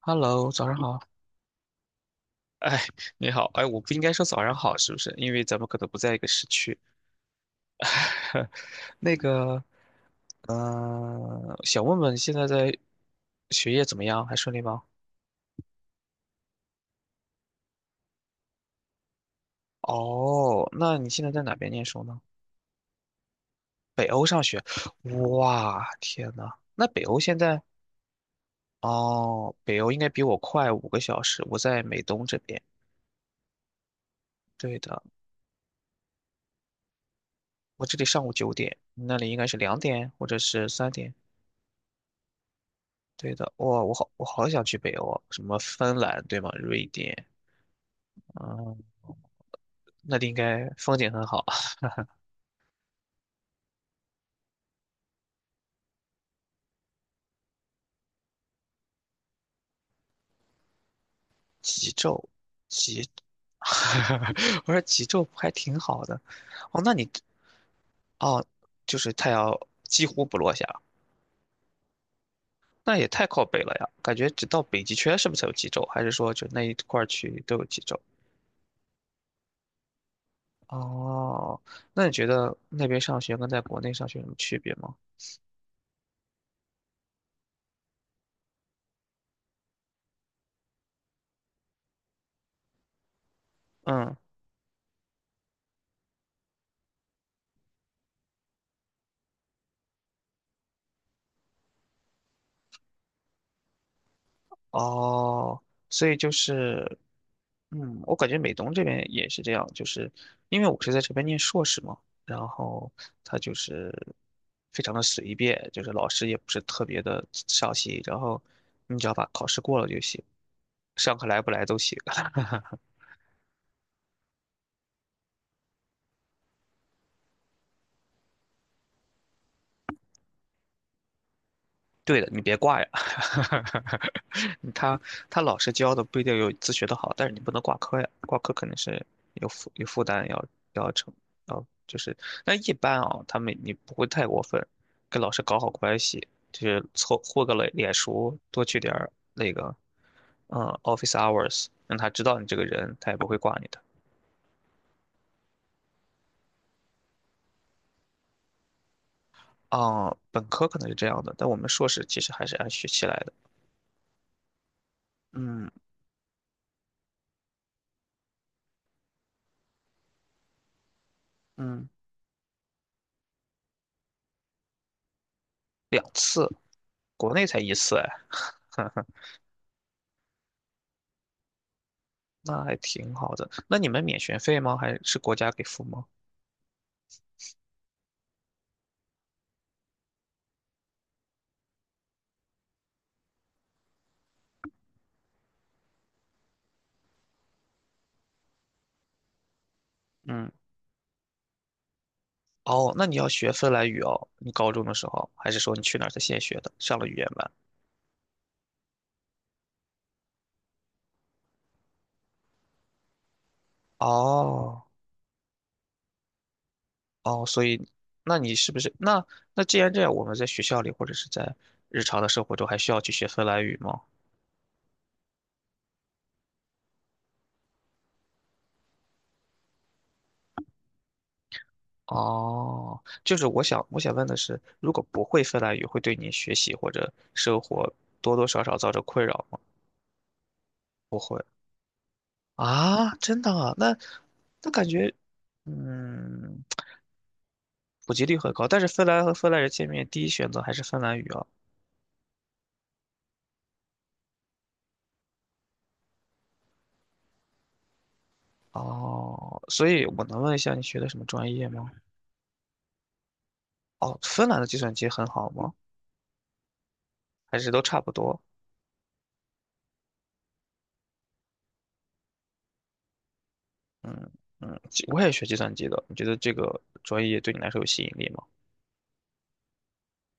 Hello，早上好。哎，你好，哎，我不应该说早上好，是不是？因为咱们可能不在一个时区。那个，想问问现在在学业怎么样？还顺利吗？哦，那你现在在哪边念书呢？北欧上学。哇，天呐，那北欧现在，哦，北欧应该比我快5个小时。我在美东这边。对的，我这里上午9点，你那里应该是2点或者是3点。对的，哇，我好想去北欧啊，什么芬兰对吗？瑞典，嗯，那里应该风景很好啊。极昼，极，我说极昼还挺好的。哦，哦，就是太阳几乎不落下，那也太靠北了呀。感觉只到北极圈是不是才有极昼？还是说就那一块儿区域都有极昼？哦，那你觉得那边上学跟在国内上学有什么区别吗？嗯。哦，所以就是，我感觉美东这边也是这样，就是因为我是在这边念硕士嘛，然后他就是非常的随便，就是老师也不是特别的上心，然后你只要把考试过了就行，上课来不来都行。对的，你别挂呀。他他老师教的不一定有自学的好，但是你不能挂科呀，挂科肯定是有负担要要承要就是，但一般啊，他们你不会太过分，跟老师搞好关系，就是混个脸熟，多去点儿那个office hours，让他知道你这个人，他也不会挂你的。啊、本科可能是这样的，但我们硕士其实还是按学期来的。嗯嗯，2次，国内才1次哎。那还挺好的。那你们免学费吗？还是国家给付吗？嗯，哦，那你要学芬兰语哦，你高中的时候，还是说你去哪儿才现学的，上了语言班？哦，哦，所以，那你是不是那那既然这样，我们在学校里或者是在日常的生活中还需要去学芬兰语吗？哦，就是我想问的是，如果不会芬兰语，会对你学习或者生活多多少少造成困扰吗？不会。啊，真的啊，那感觉，嗯，普及率很高，但是芬兰和芬兰人见面，第一选择还是芬兰语啊。哦，所以我能问一下你学的什么专业吗？哦，芬兰的计算机很好吗？还是都差不多？嗯嗯，我也学计算机的，你觉得这个专业对你来说有吸引力吗？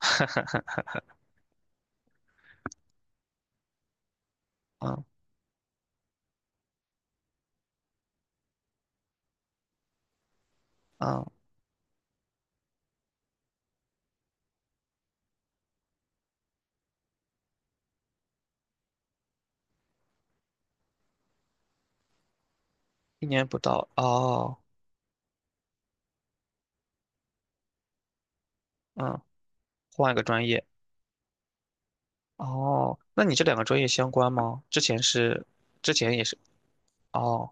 嗯嗯，一年不到哦，嗯，换一个专业哦。那你这两个专业相关吗？之前是，之前也是哦。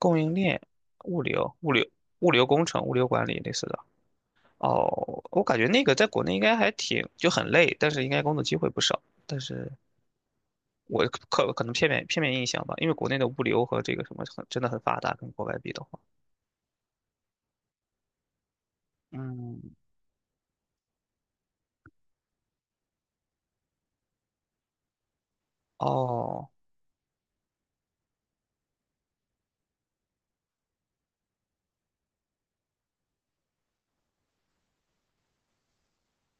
供应链、物流、物流、物流工程、物流管理类似的。哦，我感觉那个在国内应该还很累，但是应该工作机会不少。但是可能片面印象吧，因为国内的物流和这个什么真的很发达，跟国外比的话，嗯，哦，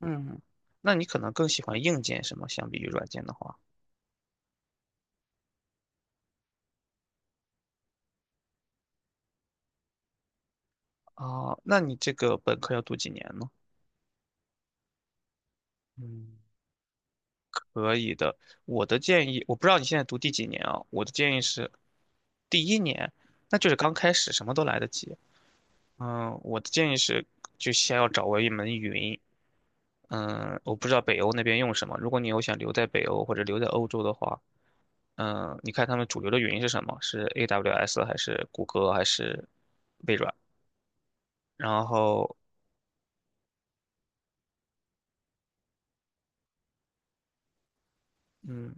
嗯，那你可能更喜欢硬件什么，相比于软件的话，啊，那你这个本科要读几年呢？嗯。可以的。我的建议，我不知道你现在读第几年啊？我的建议是第一年，那就是刚开始，什么都来得及。嗯，我的建议是，就先要掌握一门嗯，我不知道北欧那边用什么。如果你有想留在北欧或者留在欧洲的话，嗯，你看他们主流的语音是什么？是 AWS 还是谷歌还是微软？然后，嗯，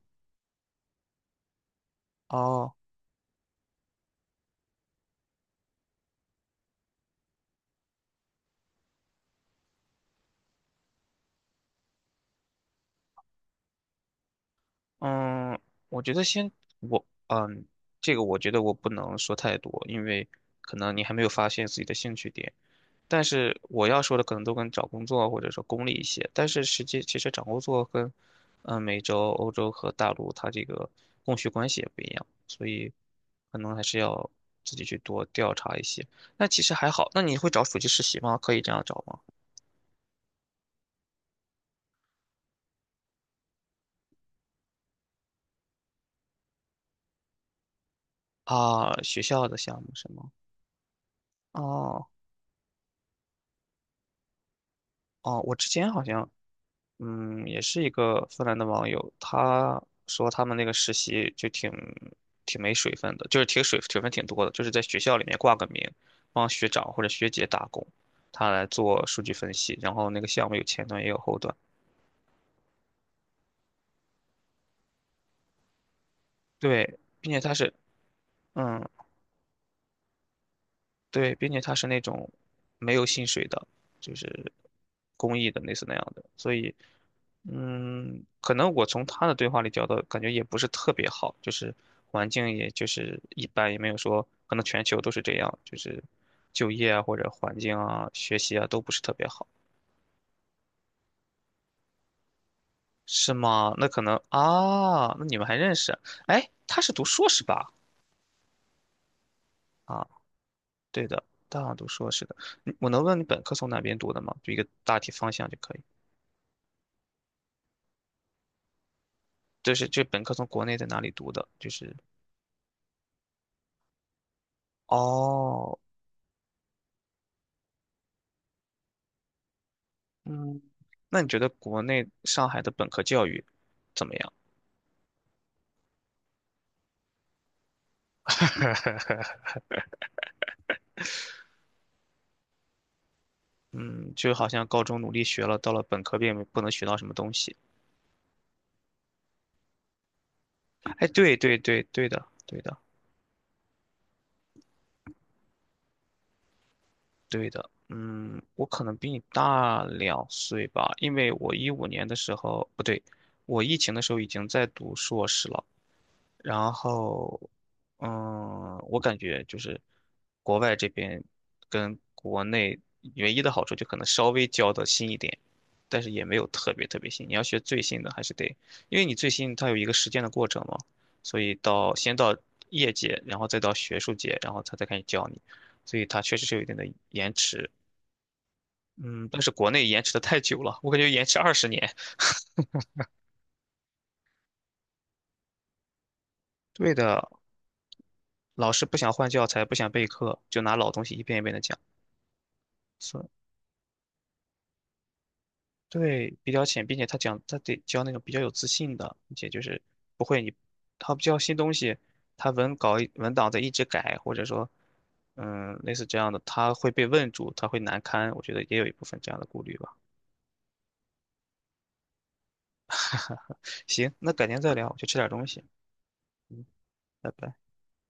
哦。嗯，我觉得先我嗯，我觉得我不能说太多，因为可能你还没有发现自己的兴趣点。但是我要说的可能都跟找工作或者说功利一些，但是实际其实找工作跟美洲、欧洲和大陆它这个供需关系也不一样，所以可能还是要自己去多调查一些。那其实还好，那你会找暑期实习吗？可以这样找吗？啊，学校的项目是吗？哦哦，我之前好像也是一个芬兰的网友，他说他们那个实习就挺没水分的，就是挺水分挺多的，就是在学校里面挂个名，帮学长或者学姐打工，他来做数据分析，然后那个项目有前端也有后端，对，并且他是嗯，对，并且他是那种没有薪水的，就是公益的类似那样的，所以可能我从他的对话里聊的感觉也不是特别好，就是环境也就是一般，也没有说可能全球都是这样，就是就业啊或者环境啊、学习啊都不是特别好，是吗？那可能啊，那你们还认识？哎，他是读硕士吧？啊，对的，大二读硕士的，我能问你本科从哪边读的吗？就一个大体方向就可以。就是这本科从国内在哪里读的？哦，嗯，那你觉得国内上海的本科教育怎么样？嗯，就好像高中努力学了，到了本科并不能学到什么东西。哎，对对对对的，对的对的。嗯，我可能比你大2岁吧，因为我2015年的时候，不对，我疫情的时候已经在读硕士了。然后，我感觉就是国外这边跟国内唯一的好处就可能稍微教的新一点，但是也没有特别特别新。你要学最新的还是得，因为你最新它有一个实践的过程嘛，所以先到业界，然后再到学术界，然后他再开始教你，所以它确实是有一定的延迟。嗯，但是国内延迟的太久了，我感觉延迟20年。对的，老师不想换教材，不想备课，就拿老东西一遍一遍的讲。对，比较浅，并且他得教那种比较有自信的，并且就是不会他不教新东西，他一文档在一直改，或者说类似这样的，他会被问住，他会难堪，我觉得也有一部分这样的顾虑吧。行，那改天再聊，我去吃点东西。嗯，拜拜。